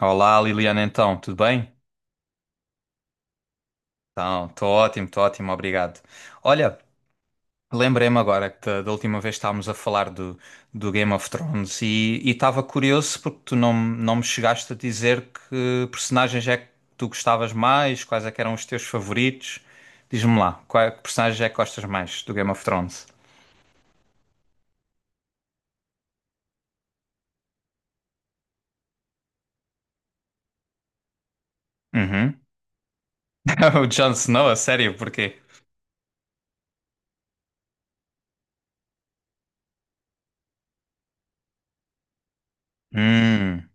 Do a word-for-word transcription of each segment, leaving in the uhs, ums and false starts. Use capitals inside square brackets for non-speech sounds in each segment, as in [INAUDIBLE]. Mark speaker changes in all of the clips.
Speaker 1: Olá Liliana, então, tudo bem? Então, estou ótimo, estou ótimo, obrigado. Olha, lembrei-me agora que da, da última vez estávamos a falar do, do Game of Thrones e e estava curioso porque tu não, não me chegaste a dizer que personagens é que tu gostavas mais, quais é que eram os teus favoritos. Diz-me lá, qual, é, que personagens é que gostas mais do Game of Thrones? Uhum. [LAUGHS] O Jon Snow, a sério, porquê? Hum,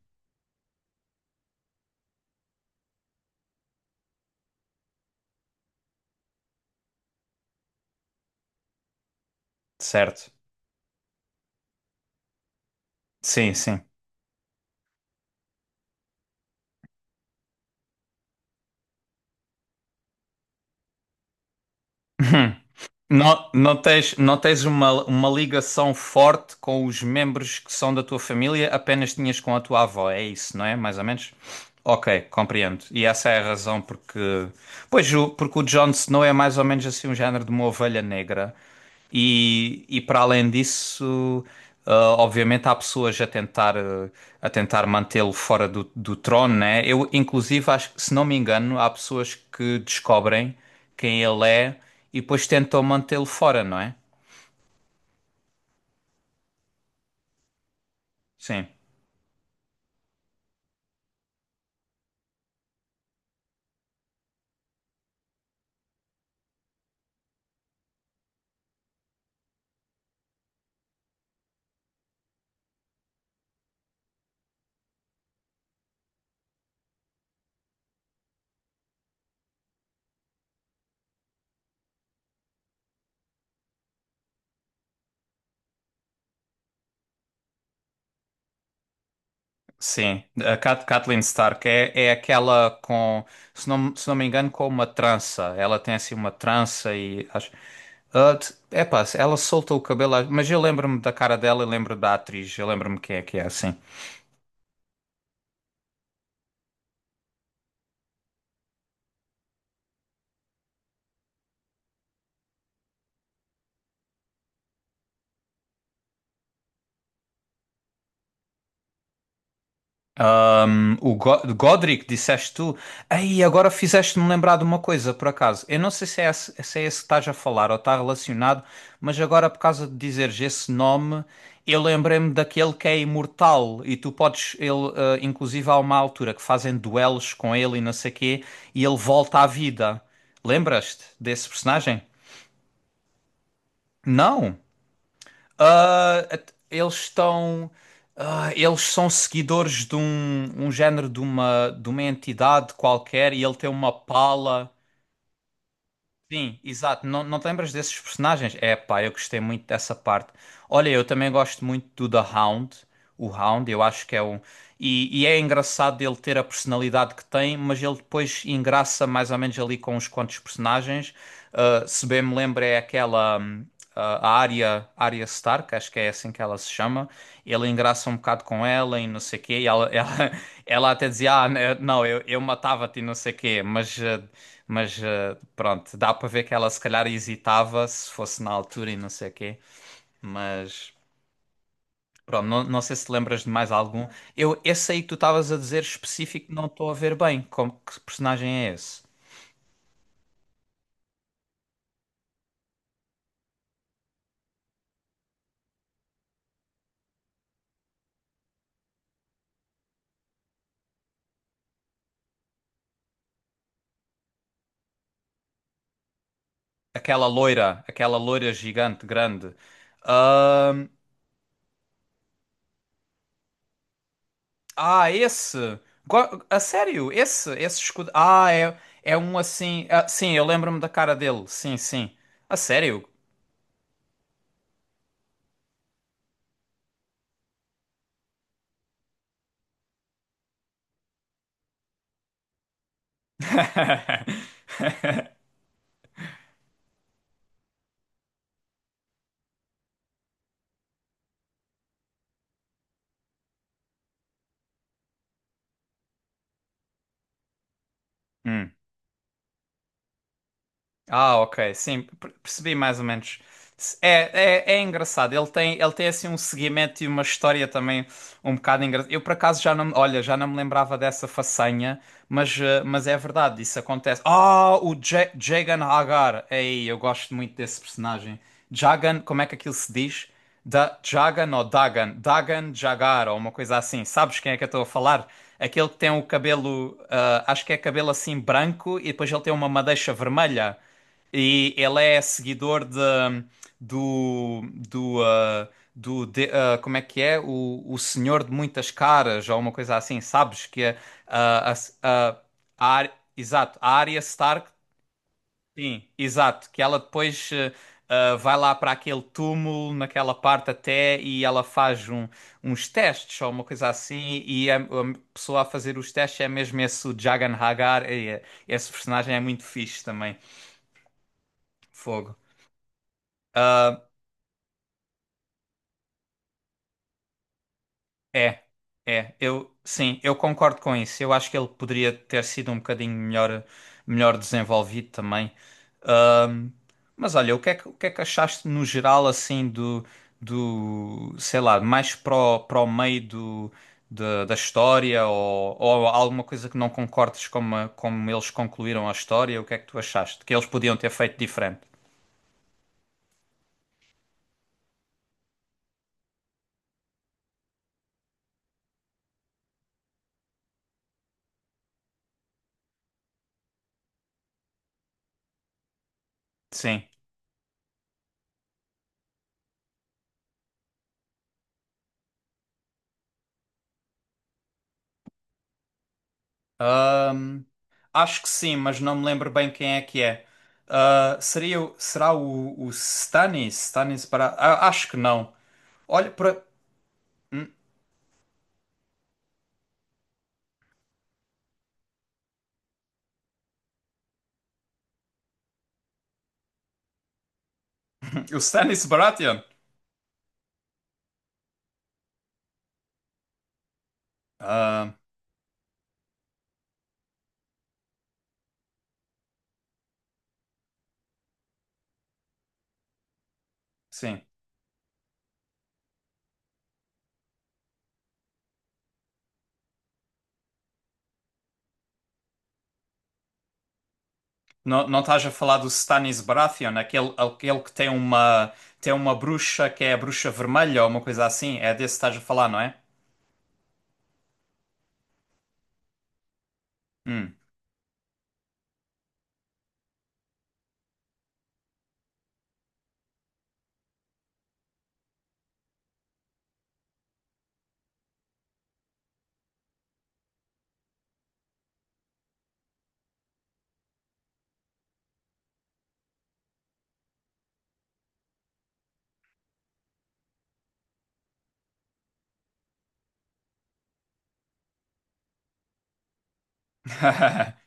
Speaker 1: certo. Sim, sim. [LAUGHS] Não, não tens, não tens uma, uma ligação forte com os membros que são da tua família, apenas tinhas com a tua avó, é isso, não é? Mais ou menos? Ok, compreendo. E essa é a razão porque. Pois, o- porque o Jon Snow é mais ou menos assim um género de uma ovelha negra. E, e para além disso, ah, obviamente há pessoas a tentar, ah, a tentar mantê-lo fora do, do trono, né? Eu, inclusive, acho que, se não me engano, há pessoas que descobrem quem ele é e depois tentam mantê-lo fora, não é? Sim. Sim, a Kat- Kathleen Stark é, é aquela com, se não, se não me engano, com uma trança. Ela tem assim uma trança e acho. Ah, t- epá, ela solta o cabelo, mas eu lembro-me da cara dela e lembro da atriz, eu lembro-me quem é que é assim. Ahm, o Go- Godric, disseste tu. Aí, agora fizeste-me lembrar de uma coisa, por acaso. Eu não sei se é esse, se é esse que estás a falar ou está relacionado, mas agora, por causa de dizeres esse nome, eu lembrei-me daquele que é imortal e tu podes, ele, ah, inclusive, há uma altura que fazem duelos com ele e não sei quê, e ele volta à vida. Lembras-te desse personagem? Não. Ah, at- eles estão. ah, eles são seguidores de um, um género de uma, de uma entidade qualquer e ele tem uma pala. Sim, exato. Não, não te lembras desses personagens? É, pá, eu gostei muito dessa parte. Olha, eu também gosto muito do The Hound. O Hound, eu acho que é um. E, e é engraçado ele ter a personalidade que tem, mas ele depois engraça mais ou menos ali com uns quantos personagens. Ah, se bem me lembro, é aquela. Hum, a Arya, Arya Stark, acho que é assim que ela se chama. Ele engraça um bocado com ela e não sei o quê. E ela, ela, [LAUGHS] ela até dizia: Ah, né, não, eu, eu matava-te e não sei o quê. Mas eh, mas eh, pronto, dá para ver que ela se calhar hesitava se fosse na altura e não sei o quê. Mas pronto, não, não sei se te lembras de mais algum. Eu, esse aí que tu estavas a dizer específico, não estou a ver bem. Como, que personagem é esse? Aquela loira, aquela loira gigante, grande. Ahm, ah, esse. Go- A sério, esse, esse escudo. Ah, é, é um assim. Ah, sim, eu lembro-me da cara dele. Sim, sim. A sério. [LAUGHS] Hum. Ah, ok, sim, per- percebi mais ou menos. Se- É, é, é engraçado, ele tem, ele tem assim um seguimento e uma história também um bocado engraçada. Eu por acaso já não, me- olha, já não me lembrava dessa façanha, mas, eh, mas é verdade, isso acontece. Ah, o Ja- Jagan Hagar, ei, eu gosto muito desse personagem. Jagan, como é que aquilo se diz? Da, Jagan ou Dagan? Dagan Jagar ou uma coisa assim, sabes quem é que eu estou a falar? Aquele que tem o cabelo, ah, acho que é cabelo assim branco e depois ele tem uma madeixa vermelha. E ele é seguidor de, do, do, ah, do de- ah, como é que é? O, o Senhor de Muitas Caras, ou uma coisa assim, sabes? Que é, ah, a, a, a Ar- exato, a Arya Stark, sim, exato, que ela depois ah, ah, vai lá para aquele túmulo, naquela parte até, e ela faz um, uns testes, ou uma coisa assim, e a, a pessoa a fazer os testes é mesmo esse o Jagan Hagar, e, eh, esse personagem é muito fixe também, fogo. É, é, eu sim, eu concordo com isso. Eu acho que ele poderia ter sido um bocadinho melhor, melhor desenvolvido também. Ahm, mas olha, o que é que, o que é que achaste no geral assim do, do, sei lá, mais para o, para o meio do, da da história ou, ou alguma coisa que não concordes como, a- como eles concluíram a história? O que é que tu achaste? Que eles podiam ter feito diferente? Sim. Ahm, acho que sim, mas não me lembro bem quem é que é. Ah, seria, o- será o, o Stanis? Stanis Baratheon? Acho que não. Olha para. [CLEARS THROAT] O Stanis Baratheon? Ah, sim. Não, não estás a falar do Stanis Baratheon, aquele, aquele que tem uma, tem uma bruxa que é a bruxa vermelha ou uma coisa assim? É desse que estás a falar, não é? Hum. [LAUGHS]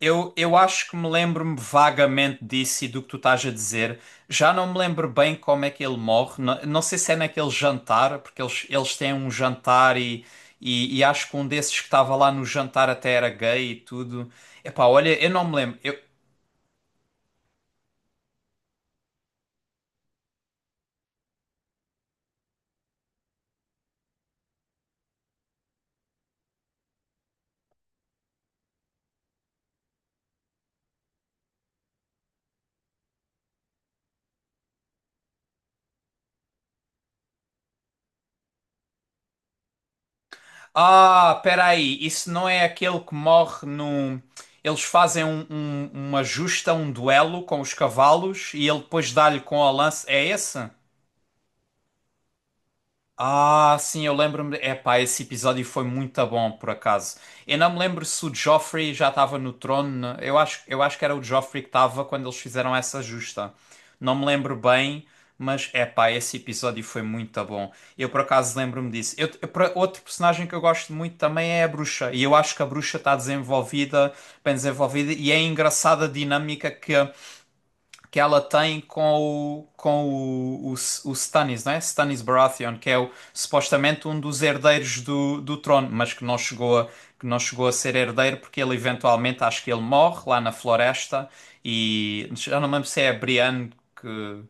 Speaker 1: Eu, eu acho que me lembro-me vagamente disso e do que tu estás a dizer. Já não me lembro bem como é que ele morre. Não, não sei se é naquele jantar, porque eles, eles têm um jantar e, e, e acho que um desses que estava lá no jantar até era gay e tudo. Epá, olha, eu não me lembro. Eu... Ah, peraí, isso não é aquele que morre no. Eles fazem um, um, uma justa, um duelo com os cavalos e ele depois dá-lhe com a lança. É esse? Ah, sim, eu lembro-me. Epá, esse episódio foi muito bom, por acaso. Eu não me lembro se o Joffrey já estava no trono. Eu acho, eu acho que era o Joffrey que estava quando eles fizeram essa justa. Não me lembro bem, mas epá, esse episódio foi muito bom. Eu, por acaso, lembro-me disso. Eu- eu- pra- outro personagem que eu gosto muito também é a bruxa. E eu acho que a bruxa está desenvolvida, bem desenvolvida, e é engraçada a dinâmica que que ela tem com o, com o, o, o Stannis, né? Stannis Baratheon, que é o, supostamente um dos herdeiros do, do trono, mas que não chegou a, que não chegou a ser herdeiro porque ele eventualmente, acho que ele morre lá na floresta e já não me lembro se é a Brienne que...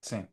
Speaker 1: Sim.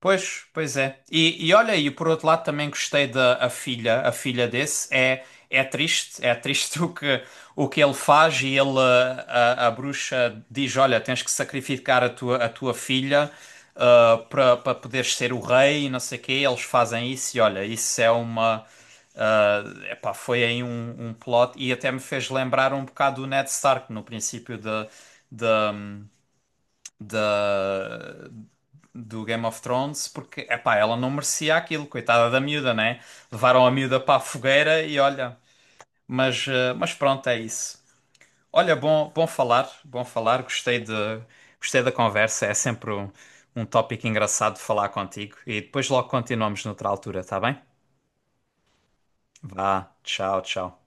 Speaker 1: Pois, pois é. E, e olha aí, por outro lado também gostei da a filha, a filha desse é é triste, é triste [LAUGHS] o que o que ele faz e ele eh, a, a bruxa diz, olha, tens que sacrificar a tua a tua filha ah, para para poderes ser o rei e não sei o quê. Eles fazem isso e olha, isso é uma ah, epá, foi aí um, um plot e até me fez lembrar um bocado do Ned Stark no princípio da da, do Game of Thrones porque, epá, ela não merecia aquilo, coitada da miúda, né? Levaram a miúda para a fogueira e olha, mas, eh, mas pronto, é isso. Olha, bom, bom falar, bom falar, gostei de, gostei da conversa, é sempre um, um tópico engraçado de falar contigo e depois logo continuamos noutra altura, tá bem? Vá, tchau, tchau.